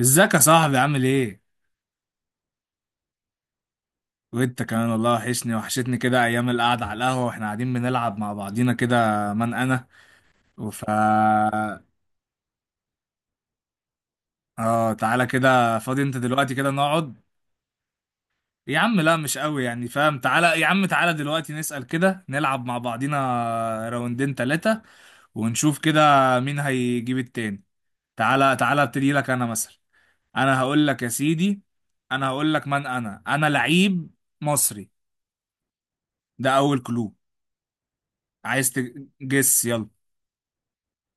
ازيك يا صاحبي؟ عامل ايه؟ وانت كمان والله وحشتني كده ايام القعده على القهوه واحنا قاعدين بنلعب مع بعضينا كده. من انا؟ وفا. اه، تعالى كده، فاضي انت دلوقتي؟ كده نقعد. يا عم لا، مش قوي يعني فاهم. تعالى يا عم، تعالى دلوقتي نسأل كده، نلعب مع بعضينا راوندين تلاتة ونشوف كده مين هيجيب التاني. تعالى تعالى، ابتدي لك انا مثلا. انا هقول لك يا سيدي. انا هقول لك من انا لعيب مصري، ده اول كلو. عايز تجس؟ يلا.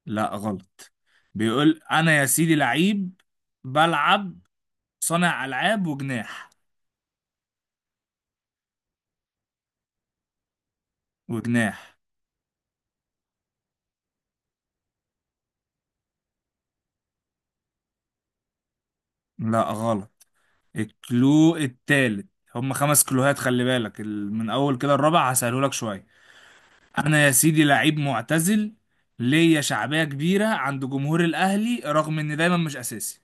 لا غلط. بيقول انا يا سيدي لعيب، بلعب صانع العاب وجناح. وجناح. لا غلط. الكلو التالت. هم خمس كلوهات خلي بالك، من اول كده الرابع هسهله لك شويه. انا يا سيدي لعيب معتزل، ليا شعبيه كبيره عند جمهور الاهلي رغم اني دايما مش اساسي.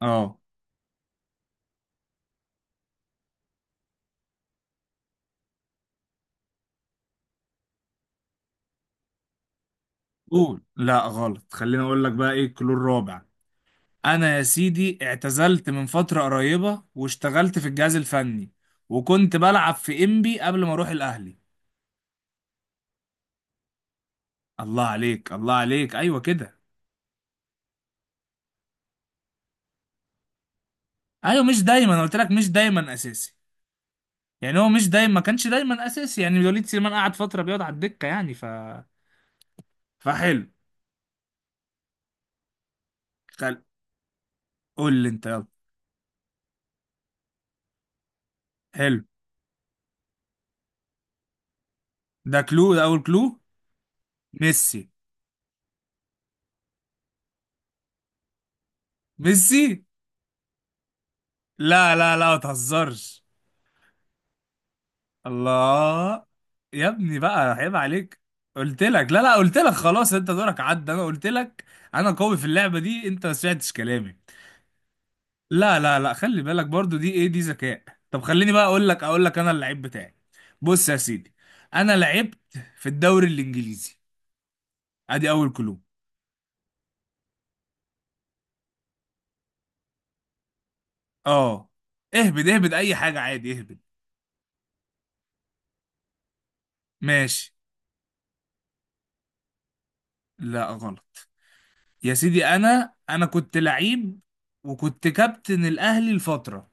اه. قول لا غلط، خليني اقول لك بقى ايه الكلو الرابع. انا يا سيدي اعتزلت من فترة قريبة واشتغلت في الجهاز الفني، وكنت بلعب في انبي قبل ما اروح الاهلي. الله عليك، الله عليك، ايوه كده. ايوه، مش دايما، أنا قلت لك مش دايما اساسي، يعني هو مش دايما، ما كانش دايما اساسي يعني. وليد سليمان قعد فترة بيقعد على الدكة يعني، ف فحلو. خل... قول لي انت يلا. حلو، ده كلو، ده اول كلو. ميسي. ميسي. لا لا لا، ما تهزرش. الله. يا ابني بقى عيب عليك. قلت لك لا لا، قلت لك خلاص انت دورك عدى، انا قلت لك انا قوي في اللعبه دي، انت ما سمعتش كلامي. لا لا لا، خلي بالك برضو، دي ايه؟ دي ذكاء. طب خليني بقى اقول لك انا اللعيب بتاعي. بص يا سيدي، انا لعبت في الدوري الانجليزي. ادي اول كلو. اه، اهبد اهبد اي حاجه عادي، اهبد. ماشي. لا غلط. يا سيدي انا كنت لعيب وكنت كابتن الاهلي لفتره.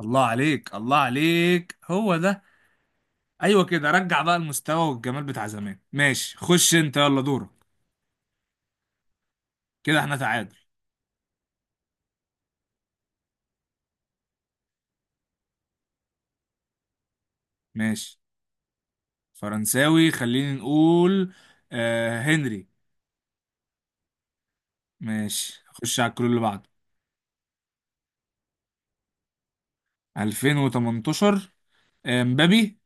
الله عليك، الله عليك، هو ده. ايوه كده، رجع بقى المستوى والجمال بتاع زمان. ماشي، خش انت يلا دورك. كده احنا تعادل. ماشي. فرنساوي، خلينا نقول آه، هنري. ماشي، خش على الكلو اللي بعده. 2018. آه، مبابي.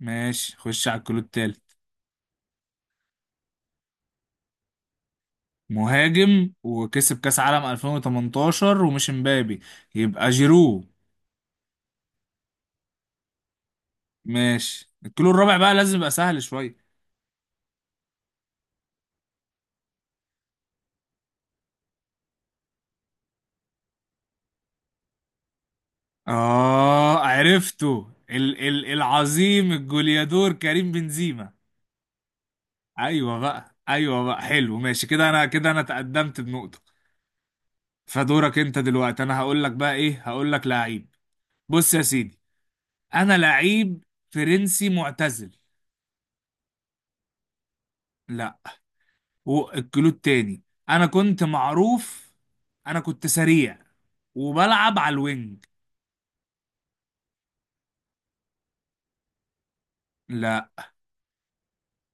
ماشي، خش على الكلو التالت. مهاجم وكسب كاس عالم 2018 ومش مبابي، يبقى جيرو. ماشي، الكلو الرابع بقى لازم يبقى سهل شويه. آه عرفته، ال العظيم الجوليادور كريم بنزيما. أيوة بقى، أيوة بقى حلو، ماشي كده، أنا كده أنا تقدمت بنقطة. فدورك أنت دلوقتي، أنا هقول لك بقى إيه. هقول لك لعيب. بص يا سيدي، أنا لعيب فرنسي معتزل. لا. والكلود تاني، أنا كنت معروف، أنا كنت سريع وبلعب على الوينج. لا.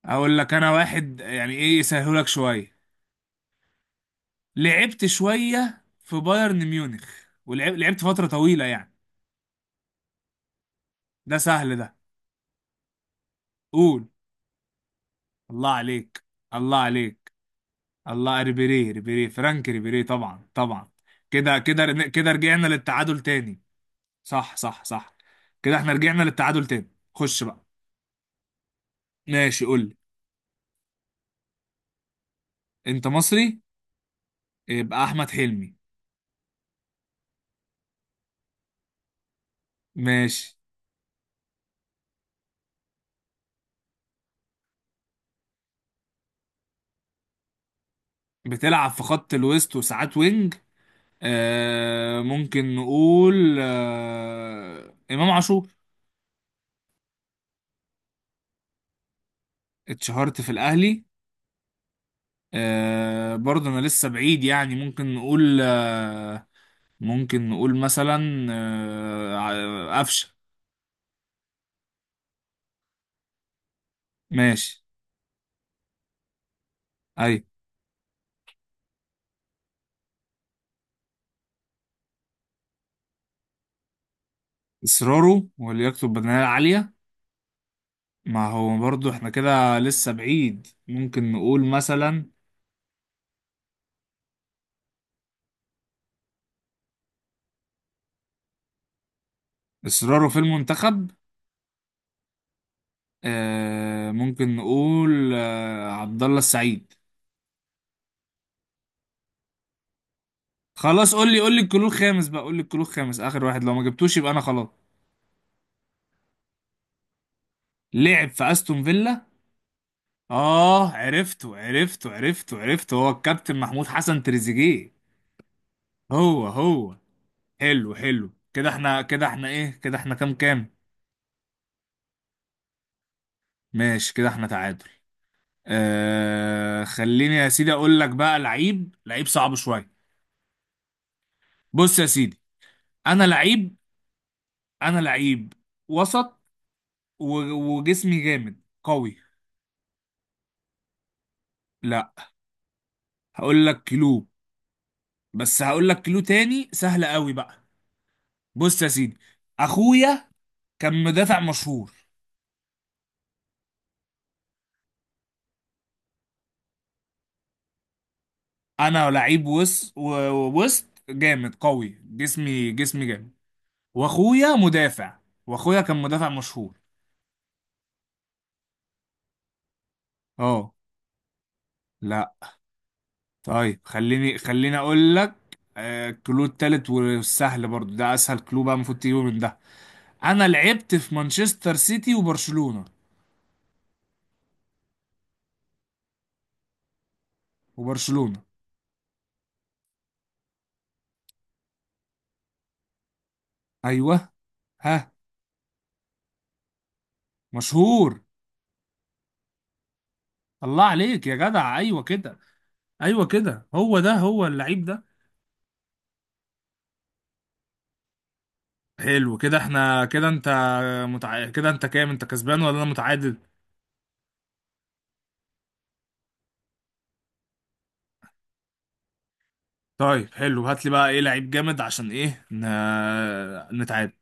أقول لك أنا واحد يعني إيه يسهلك شوية. لعبت شوية في بايرن ميونخ، ولعبت فترة طويلة يعني. ده سهل ده. قول. الله عليك. الله عليك الله، ريبيري، ريبيري، فرانك ريبيري، طبعا طبعا. كده كده كده، رجعنا للتعادل تاني. صح صح صح. كده احنا رجعنا للتعادل تاني، خش بقى. ماشي، قول لي. انت مصري؟ يبقى احمد حلمي. ماشي. بتلعب في خط الوسط وساعات وينج. آه، ممكن نقول آه امام عاشور. اتشهرت في الاهلي. آه، برضه انا لسه بعيد يعني، ممكن نقول آه، ممكن نقول مثلا آه، قفشه. ماشي. اي. اصراره ولياقته البدنيه العاليه. ما هو برضه احنا كده لسه بعيد، ممكن نقول مثلا. اصراره في المنتخب. آه، ممكن نقول آه عبد الله السعيد. خلاص قول لي، قول لي الكلو الخامس بقى، قول لي الكلو الخامس، اخر واحد لو ما جبتوش يبقى انا خلاص. لعب في استون فيلا. اه عرفته عرفته عرفته عرفته، هو الكابتن محمود حسن تريزيجيه. هو هو. حلو حلو، كده احنا كده، احنا ايه كده، احنا كام كام؟ ماشي كده احنا تعادل. آه، خليني يا سيدي اقول لك بقى، لعيب لعيب صعب شويه. بص يا سيدي، انا لعيب، انا لعيب وسط و- وجسمي جامد قوي. لا. هقول لك كيلو، بس هقول لك كيلو تاني سهل قوي بقى. بص يا سيدي، اخويا كان مدافع مشهور. انا لعيب وسط جامد قوي، جسمي جامد، واخويا مدافع. واخويا كان مدافع مشهور. اه. لا. طيب، خليني اقول لك. آه، الكلو التالت والسهل برضو، ده اسهل كلو بقى المفروض تجيبه من ده. انا لعبت في مانشستر سيتي وبرشلونة. وبرشلونة. ايوه. ها. مشهور. الله عليك يا جدع، ايوه كده. ايوه كده، هو ده، هو اللعيب ده. حلو، كده احنا كده، انت كده انت كام؟ انت كسبان ولا انا متعادل؟ طيب حلو، هات لي بقى ايه لعيب جامد عشان ايه نتعادل.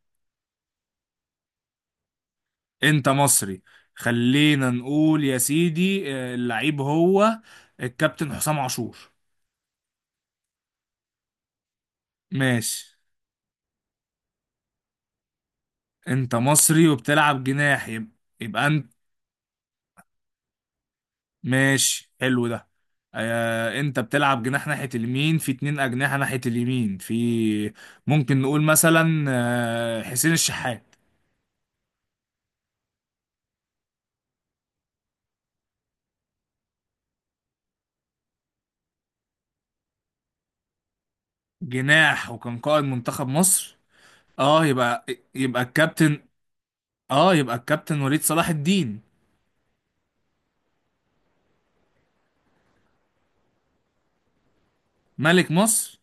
انت مصري. خلينا نقول يا سيدي اه، اللعيب هو الكابتن حسام عاشور. ماشي. انت مصري وبتلعب جناح، يبقى انت، ماشي حلو ده. اه، انت بتلعب جناح ناحية اليمين، في اتنين اجنحة ناحية اليمين، في ممكن نقول مثلا اه، حسين الشحات. جناح وكان قائد منتخب مصر. اه يبقى، يبقى الكابتن، اه يبقى الكابتن وليد صلاح الدين. ملك مصر.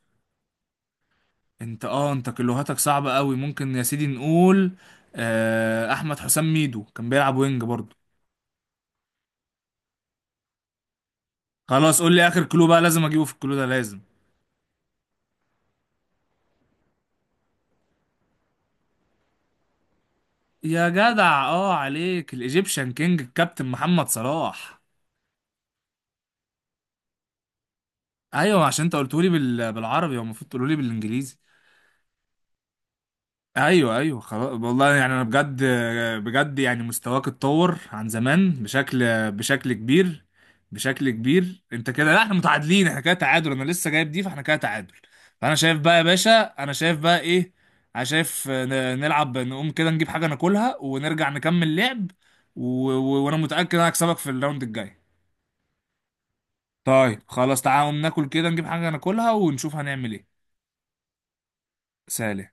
انت اه، انت كلوهاتك صعبة قوي، ممكن يا سيدي نقول آه، احمد حسام ميدو كان بيلعب وينج برضه. خلاص قول لي اخر كلو بقى، لازم اجيبه في الكلو ده لازم. يا جدع اه، عليك، الايجيبشن كينج الكابتن محمد صلاح. ايوه، عشان انت بالعربي، هو المفروض تقولولي بالانجليزي. ايوه ايوه خلاص، والله يعني انا بجد، بجد يعني مستواك اتطور عن زمان بشكل، بشكل كبير. بشكل كبير، انت كده لا، احنا متعادلين، احنا كده تعادل، انا لسه جايب دي، فاحنا كده تعادل. فانا شايف بقى يا باشا، انا شايف بقى ايه، انا شايف نلعب، نقوم كده نجيب حاجه ناكلها ونرجع نكمل لعب، و... وانا متاكد انا هكسبك في الراوند الجاي. طيب خلاص تعالى نقوم ناكل كده، نجيب حاجه ناكلها ونشوف هنعمل ايه. سلام.